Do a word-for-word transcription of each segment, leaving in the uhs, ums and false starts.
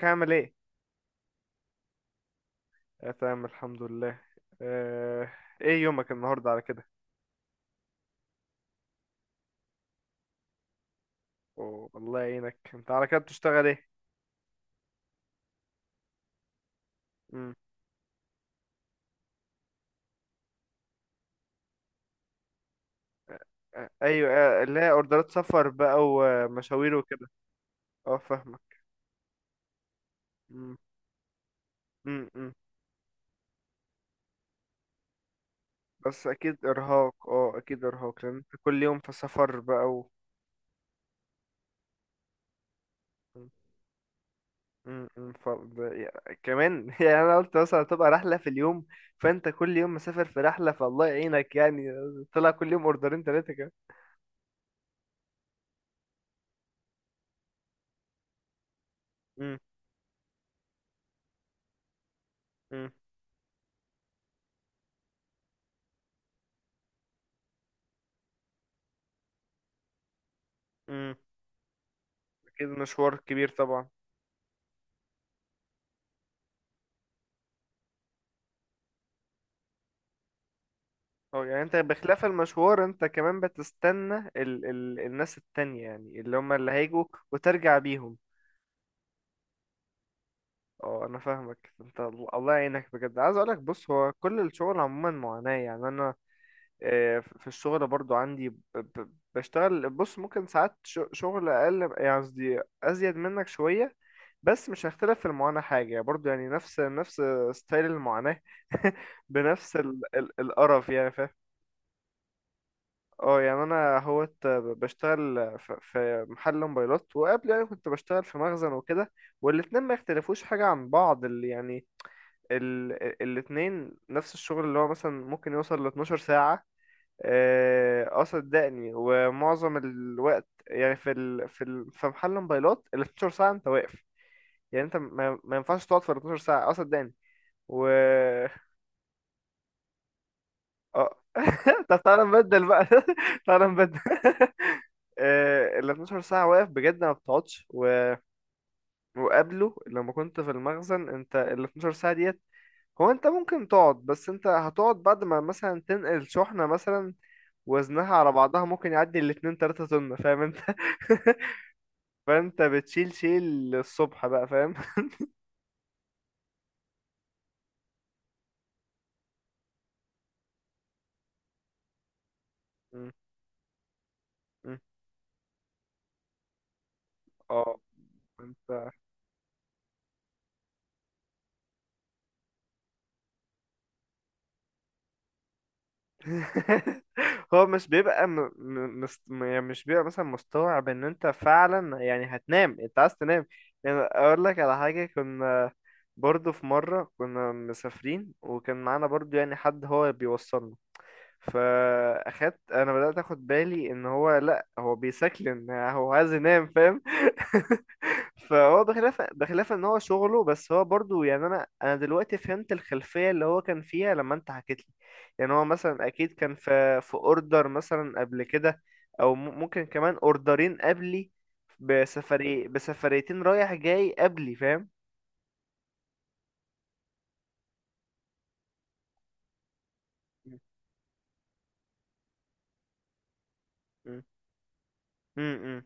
ازيك عامل ايه؟ آه، تمام الحمد لله. آه. ايه يومك النهارده على كده؟ أوه، الله يعينك. انت على كده بتشتغل ايه؟ مم. آه، ايوه. آه، اللي هي اوردرات سفر بقى ومشاوير وكده. اه، فاهمك. مم. مم. مم. بس اكيد ارهاق، اه اكيد ارهاق لان انت كل يوم في سفر بقى و... مم. مم. مم. ف... ده- يا- كمان يعني انا قلت مثلا تبقى رحله في اليوم. فانت كل يوم مسافر في رحله، فالله يعينك يعني. طلع كل يوم اوردرين ثلاثه كده. مم. مم. أكيد مشوار كبير طبعا. اه، يعني انت بخلاف المشوار انت كمان بتستنى ال ال الناس التانية، يعني اللي هم اللي هيجوا وترجع بيهم. اه، انا فاهمك انت. ال- الله يعينك بجد. عايز اقولك بص، هو كل الشغل عموما معاناة يعني. انا آه، في الشغل برضو عندي، ب ب بشتغل بص ممكن ساعات ش- شغل اقل، يعني قصدي ازيد منك شوية. بس مش هختلف في المعاناة حاجة، يعني برضو يعني نفس نفس ستايل المعاناة. بنفس ال ال القرف، يعني فاهم. اه، يعني انا هوت بشتغل ف- في محل موبايلات، وقبل يعني كنت بشتغل في مخزن وكده. والاتنين ما يختلفوش حاجة عن بعض اللي يعني ال... ال- الاتنين نفس الشغل، اللي هو مثلا ممكن يوصل ل اتناشر ساعة. اه، آه، صدقني، ومعظم الوقت يعني في ال... في ال... في محل موبايلات ال اتناشر ساعة انت واقف. يعني انت ما, ما ينفعش تقعد في ال اتناشر ساعة، اه صدقني. اه طب تعالى نبدل بقى تعالى نبدل آه، ال اثنا عشر ساعة واقف بجد ما بتقعدش، و- وقبله لما كنت في المخزن انت ال اتناشر ساعة ديت. هو انت ممكن تقعد، بس انت هتقعد بعد ما مثلا تنقل شحنة، مثلا وزنها على بعضها ممكن يعدي الاتنين تلاتة طن، فاهم انت. فانت بتشيل شيل الصبح بقى، فاهم. م- م. اه، انت هو مش بيبقى م... م... مست... م- يعني مش بيبقى مثلا مستوعب ان انت فعلا يعني هتنام، انت عايز تنام. يعني اقول لك على حاجة. كنا برضو في مرة كنا مسافرين، وكان معانا برضو يعني حد هو بيوصلنا. فاخدت انا بدأت اخد بالي ان هو، لا، هو بيسكلن، هو عايز ينام، فاهم. فهو بخلاف بخلاف ان هو شغله، بس هو برضو يعني انا انا دلوقتي فهمت الخلفية اللي هو كان فيها لما انت حكيت لي. يعني هو مثلا اكيد كان في في اوردر مثلا قبل كده، او م- ممكن كمان اوردرين قبلي، بسفري بسفريتين رايح جاي قبلي، فاهم. م- م- م-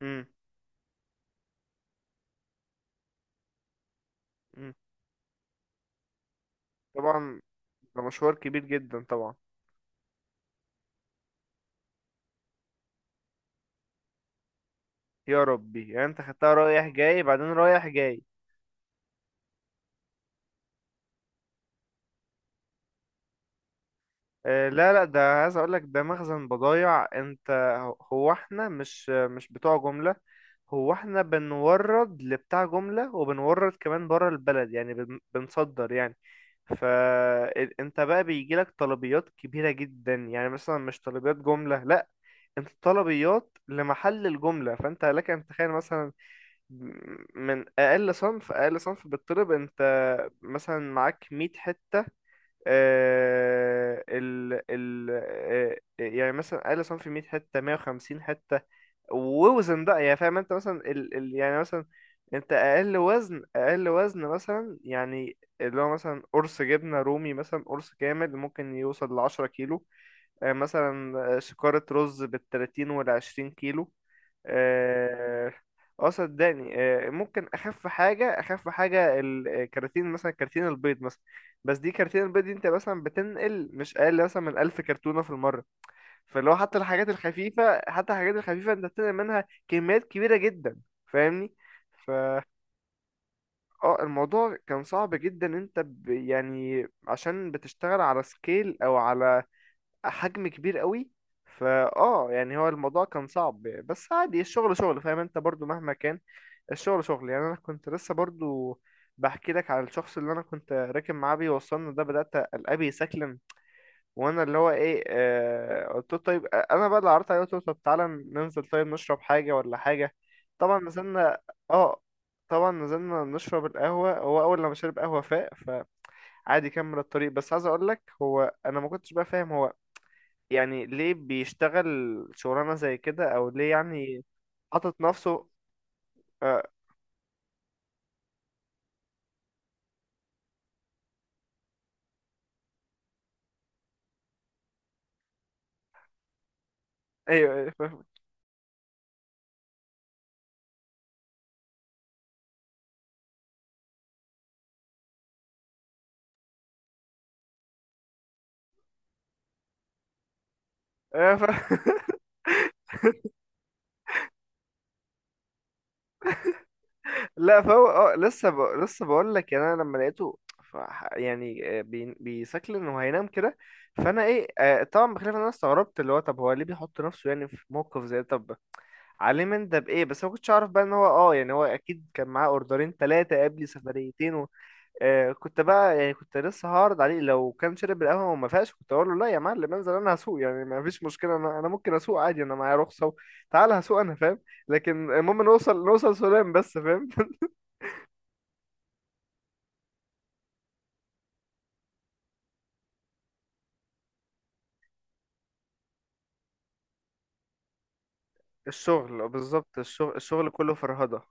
م- م- طبعا. ده مشوار كبير جدا طبعا. يا ربي، يعني انت خدتها رايح جاي بعدين رايح جاي. آه، لا لا، ده عايز اقول لك ده مخزن بضايع انت. هو احنا مش مش بتوع جملة. هو احنا بنورد لبتاع جملة، وبنورد كمان بره البلد يعني، بن- بنصدر يعني. فانت بقى بيجيلك طلبيات كبيرة جدا يعني، مثلا مش طلبيات جملة، لا، انت طلبيات لمحل الجملة. فانت لك ان تتخيل مثلا من اقل صنف اقل صنف بالطلب، انت مثلا معاك مية حتة. آه، ال ال آه، يعني مثلا اقل صنف مائة حته، مائة وخمسين حته، ووزن بقى يعني، فاهم انت مثلا ال ال يعني مثلا انت اقل وزن اقل وزن مثلا، يعني اللي هو مثلا قرص جبنه رومي، مثلا قرص كامل ممكن يوصل ل عشرة كيلو. آه، مثلا آه، شكارة رز بالتلاتين والعشرين كيلو. اه آه، صدقني، آه، ممكن اخف حاجه اخف حاجه الكراتين مثلا، كراتين البيض مثلا. بس دي كراتين البيض دي انت مثلا بتنقل مش اقل مثلا من الف كرتونه في المره. فاللي هو حتى الحاجات الخفيفه حتى الحاجات الخفيفه انت بتنقل منها كميات كبيره جدا، فاهمني. ف اه الموضوع كان صعب جدا. انت ب... يعني عشان بتشتغل على سكيل، او على حجم كبير قوي. فاه يعني هو الموضوع كان صعب، بس عادي. الشغل شغل، فاهم انت. برضو مهما كان الشغل شغل يعني. انا كنت لسه برضو بحكي لك على الشخص اللي انا كنت راكب معاه بيوصلنا ده، بدأت قلبي يسكلم، وانا اللي هو ايه. آه، قلت له طيب. آه، انا بقى اللي عرضت عليه، قلت له طب تعالى ننزل، طيب نشرب حاجة ولا حاجة. طبعا نزلنا اه طبعا نزلنا نشرب القهوة. هو أول لما شرب قهوة فاق، فعادي كمل الطريق. بس عايز أقولك، هو أنا ما كنتش بقى فاهم، هو يعني ليه بيشتغل شغلانة زي كده، او ليه يعني حاطط نفسه. آه، ايوه ايوه فاهم. ايوه فاهم. لا، فهو اه لسه ب... لسه بقول لك، يعني انا لما لقيته ف... يعني آه، بي... بيسكل انه هينام كده. فانا ايه آه طبعا بخلاف إن انا استغربت اللي هو، طب هو ليه بيحط نفسه يعني في موقف زي ده؟ طب عليه من ده بايه؟ بس ما كنتش اعرف بقى ان هو اه يعني هو اكيد كان معاه اوردرين ثلاثة قبل سفريتين. آه، كنت بقى يعني كنت لسه هعرض عليه لو كان شرب القهوة وما فيهاش، كنت اقول له لا يا معلم انزل انا هسوق، يعني ما فيش مشكلة، انا انا ممكن اسوق عادي، انا معايا رخصة. تعال هسوق انا، فاهم. لكن المهم نوصل نوصل سلام بس، فاهم. الشغل بالظبط، الشغل الشغل كله فرهدة.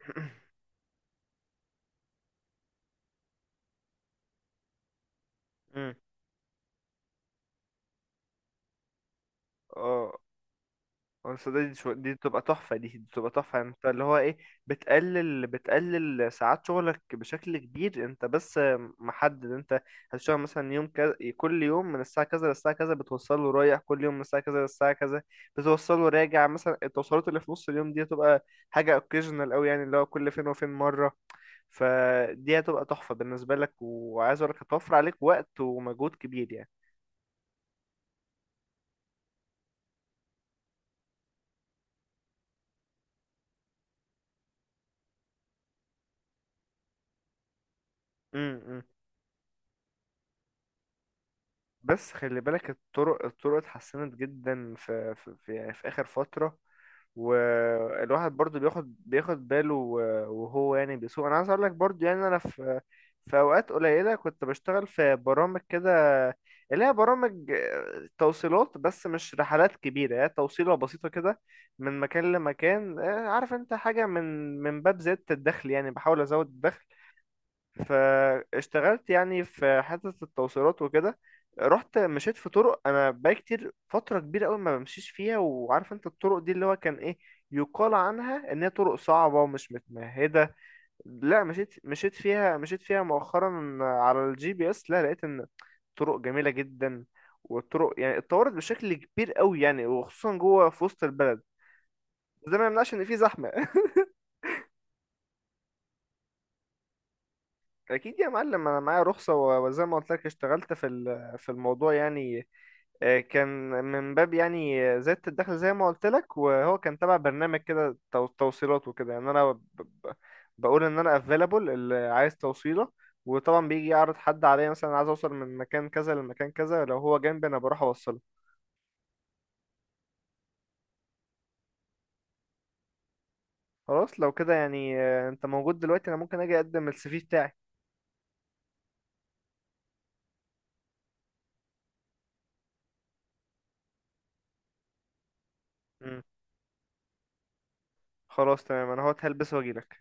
مم. اه، بس دي شو... دي بتبقى تحفة، دي دي بتبقى تحفة، يعني انت اللي هو ايه. بتقلل بتقلل ساعات شغلك بشكل كبير. انت بس محدد، انت هتشتغل مثلا يوم كذا، كل يوم من الساعة كذا للساعة كذا بتوصله رايح، كل يوم من الساعة كذا للساعة كذا بتوصله راجع. مثلا التوصيلات اللي في نص اليوم دي هتبقى حاجة اوكيجنال قوي، يعني اللي هو كل فين وفين مرة. فدي هتبقى تحفة بالنسبة لك، وعايز اقولك هتوفر عليك وقت ومجهود كبير يعني. امم. بس خلي بالك، الطرق الطرق اتحسنت جدا في في في, يعني في آخر فترة. والواحد برضو بياخد بياخد باله و- وهو يعني بيسوق. انا عايز اقول لك برضو، يعني انا في في اوقات قليلة كنت بشتغل في برامج كده، اللي هي برامج آه، توصيلات. بس مش رحلات كبيرة، هي توصيلة بسيطة كده، من مكان لمكان. آه، عارف انت حاجة، من من باب زيادة الدخل يعني، بحاول ازود الدخل. فاشتغلت يعني في حتة التوصيلات وكده. رحت مشيت في طرق انا بقى كتير، فترة كبيرة قوي ما بمشيش فيها، وعارف انت الطرق دي اللي هو كان ايه، يقال عنها ان هي طرق صعبة ومش متمهدة. لا، مشيت مشيت فيها مشيت فيها مؤخرا على الجي بي اس، لا لقيت ان طرق جميلة جدا. والطرق يعني اتطورت بشكل كبير قوي يعني، وخصوصا جوه في وسط البلد. ده ما يمنعش ان في زحمة. اكيد يا معلم، انا معايا رخصه، و- وزي ما قلت لك اشتغلت في ال- في الموضوع يعني. آه، كان من باب يعني آه، زيادة الدخل زي ما قلت لك. وهو كان تبع برنامج كده تو- توصيلات وكده. يعني انا ب- ب- بقول ان انا افيلابل اللي عايز توصيلة. وطبعا بيجي يعرض حد عليا مثلا عايز اوصل من مكان كذا لمكان كذا، لو هو جنبي انا بروح اوصله. خلاص لو كده يعني. آه، انت موجود دلوقتي؟ انا ممكن اجي اقدم السي في بتاعي. مم. خلاص تمام، انا هو هلبس واجيلك.